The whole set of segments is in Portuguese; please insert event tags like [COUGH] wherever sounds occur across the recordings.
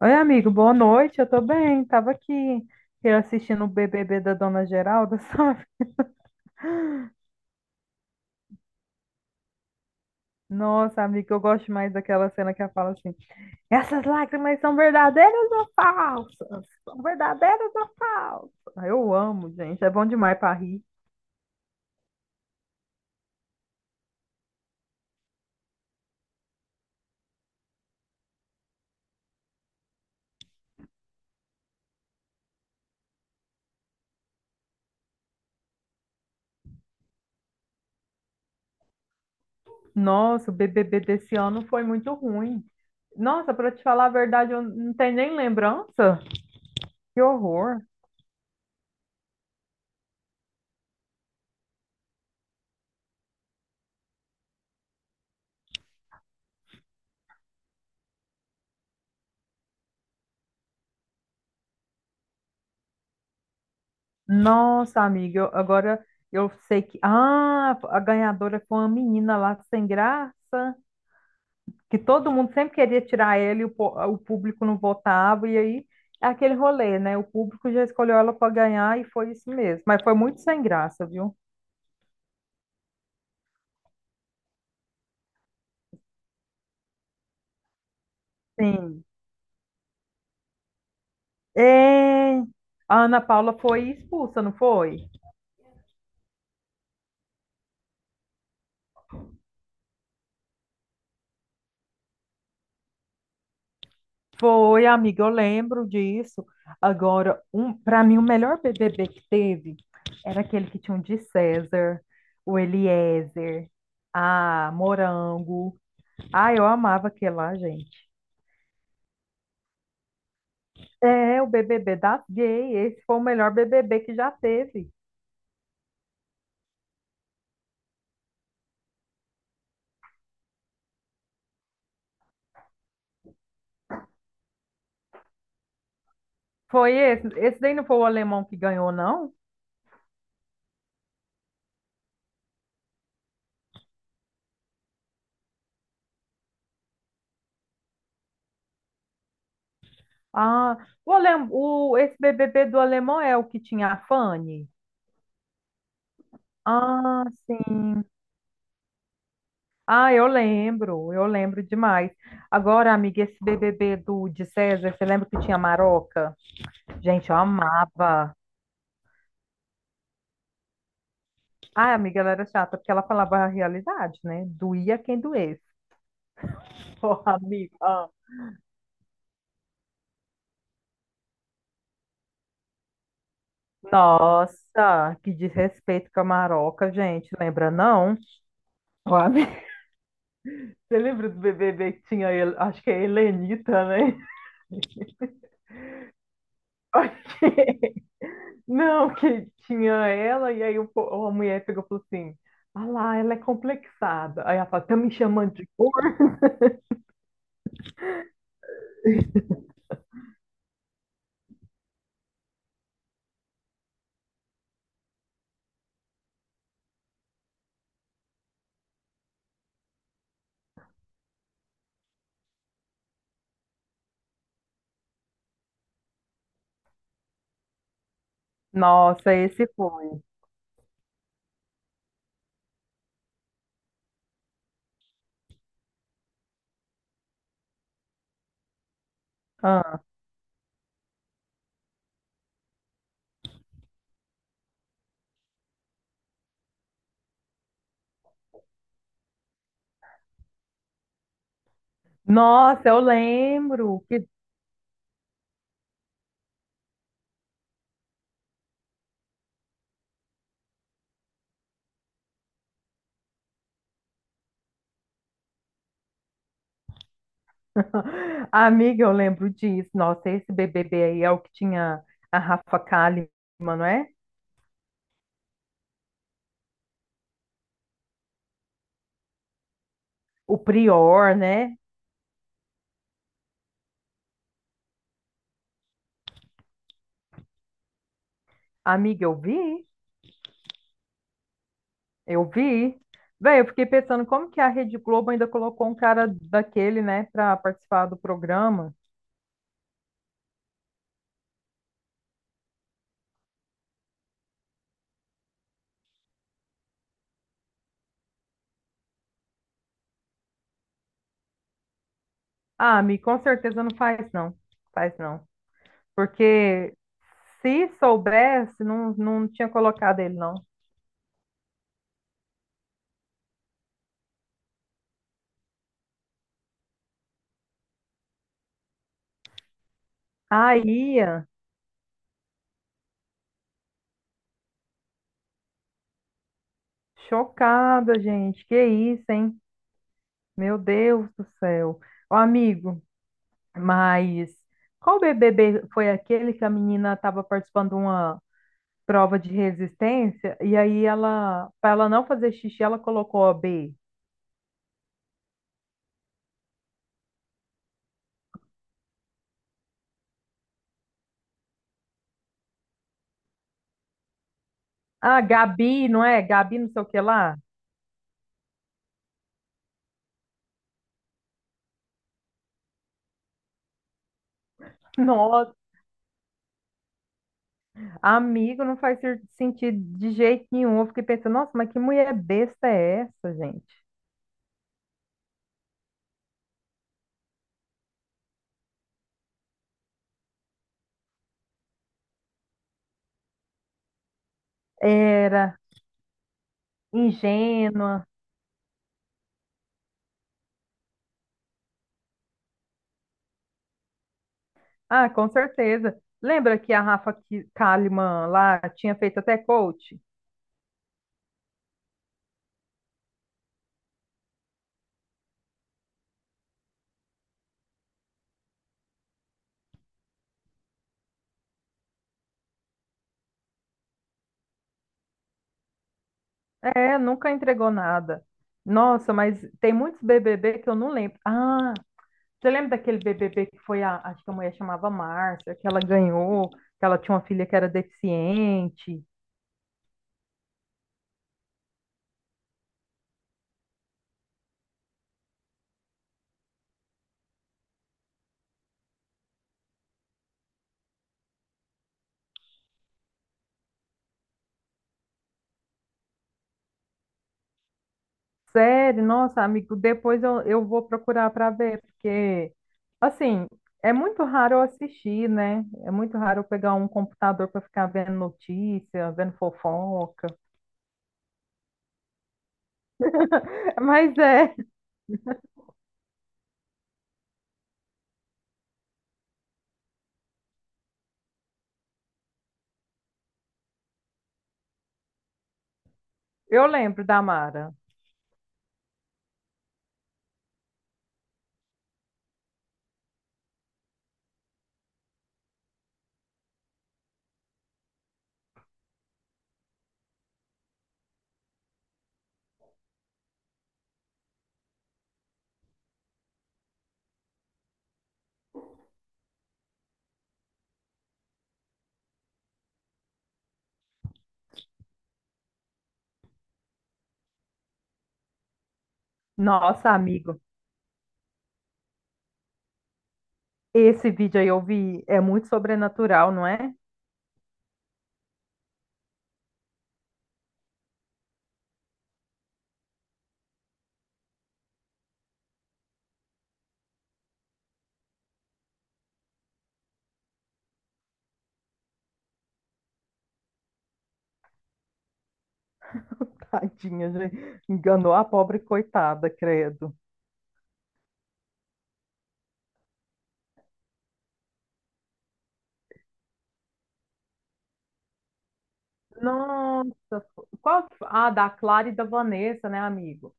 Oi, amigo, boa noite. Eu tô bem. Tava aqui eu assistindo o BBB da Dona Geralda, [LAUGHS] sabe? Nossa, amigo, eu gosto mais daquela cena que ela fala assim: essas lágrimas são verdadeiras ou falsas? São verdadeiras ou falsas? Ah, eu amo, gente. É bom demais pra rir. Nossa, o BBB desse ano foi muito ruim. Nossa, pra te falar a verdade, eu não tenho nem lembrança. Que horror. Nossa, amiga, agora eu sei que. Ah, a ganhadora foi uma menina lá sem graça, que todo mundo sempre queria tirar ela e o público não votava, e aí é aquele rolê, né? O público já escolheu ela para ganhar e foi isso mesmo. Mas foi muito sem graça, viu? Sim. É... A Ana Paula foi expulsa, não foi? Foi, amiga, eu lembro disso. Agora, para mim, o melhor BBB que teve era aquele que tinha o de César, o Eliezer, a Morango. Ah, eu amava aquele lá, gente. É, o BBB da gay. Esse foi o melhor BBB que já teve. Foi esse. Esse daí não foi o alemão que ganhou, não? Ah, esse BBB do alemão é o que tinha a Fanny? Ah, sim. Ah, eu lembro demais. Agora, amiga, esse BBB do de César, você lembra que tinha Maroca? Gente, eu amava. Ai, amiga, ela era chata, porque ela falava a realidade, né? Doía quem doesse. [LAUGHS] Ô, amiga. Ah. Nossa, que desrespeito com a Maroca, gente. Lembra, não? Ó, amiga, [LAUGHS] Você lembra do BBB que tinha, a acho que é a Helenita, né? Ok. [LAUGHS] Não, que tinha ela, e aí a mulher pegou e falou assim: Ah lá, ela é complexada. Aí ela fala: Tá me chamando de cor? Nossa, esse foi. Ah, nossa, eu lembro. Que... [LAUGHS] Amiga, eu lembro disso. Nossa, esse BBB aí é o que tinha a Rafa Kalimann, não é? O Prior, né? Amiga, eu vi. Véi, eu fiquei pensando como que a Rede Globo ainda colocou um cara daquele, né, pra participar do programa. Ah, Mi, com certeza não faz, não. Faz, não. Porque se soubesse, não tinha colocado ele, não. Aí, chocada, gente. Que isso, hein? Meu Deus do céu. Ô, amigo, mas qual BBB foi aquele que a menina estava participando de uma prova de resistência e aí ela, para ela não fazer xixi, ela colocou a B. Ah, Gabi, não é? Gabi não sei o que lá. [LAUGHS] Nossa. Amigo, não sentido de jeito nenhum. Eu fiquei pensando, nossa, mas que mulher besta é essa, gente? Era ingênua. Ah, com certeza. Lembra que a Rafa Kalimann lá tinha feito até coach? É, nunca entregou nada. Nossa, mas tem muitos BBB que eu não lembro. Ah, você lembra daquele BBB que foi a, acho que a mulher chamava Márcia, que ela ganhou, que ela tinha uma filha que era deficiente? Sério, nossa, amigo, depois eu vou procurar para ver, porque, assim, é muito raro eu assistir, né? É muito raro eu pegar um computador para ficar vendo notícia, vendo fofoca. [LAUGHS] Mas é, eu lembro da Mara. Nossa, amigo, esse vídeo aí eu vi, é muito sobrenatural, não é? [LAUGHS] Tadinha, gente. Enganou a pobre coitada, credo. Nossa, qual que foi? Ah, da Clara e da Vanessa, né, amigo?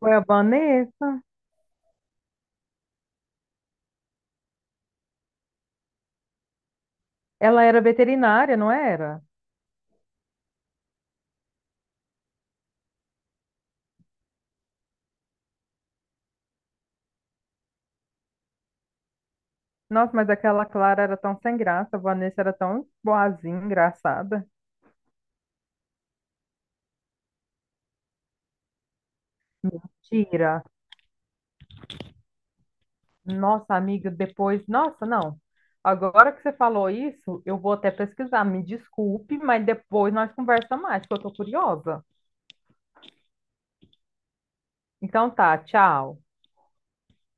Foi a Vanessa? Ela era veterinária, não era? Nossa, mas aquela Clara era tão sem graça, a Vanessa era tão boazinha, engraçada. Mentira. Nossa, amiga, depois. Nossa, não. Agora que você falou isso, eu vou até pesquisar. Me desculpe, mas depois nós conversamos mais, porque eu tô curiosa. Então tá, tchau.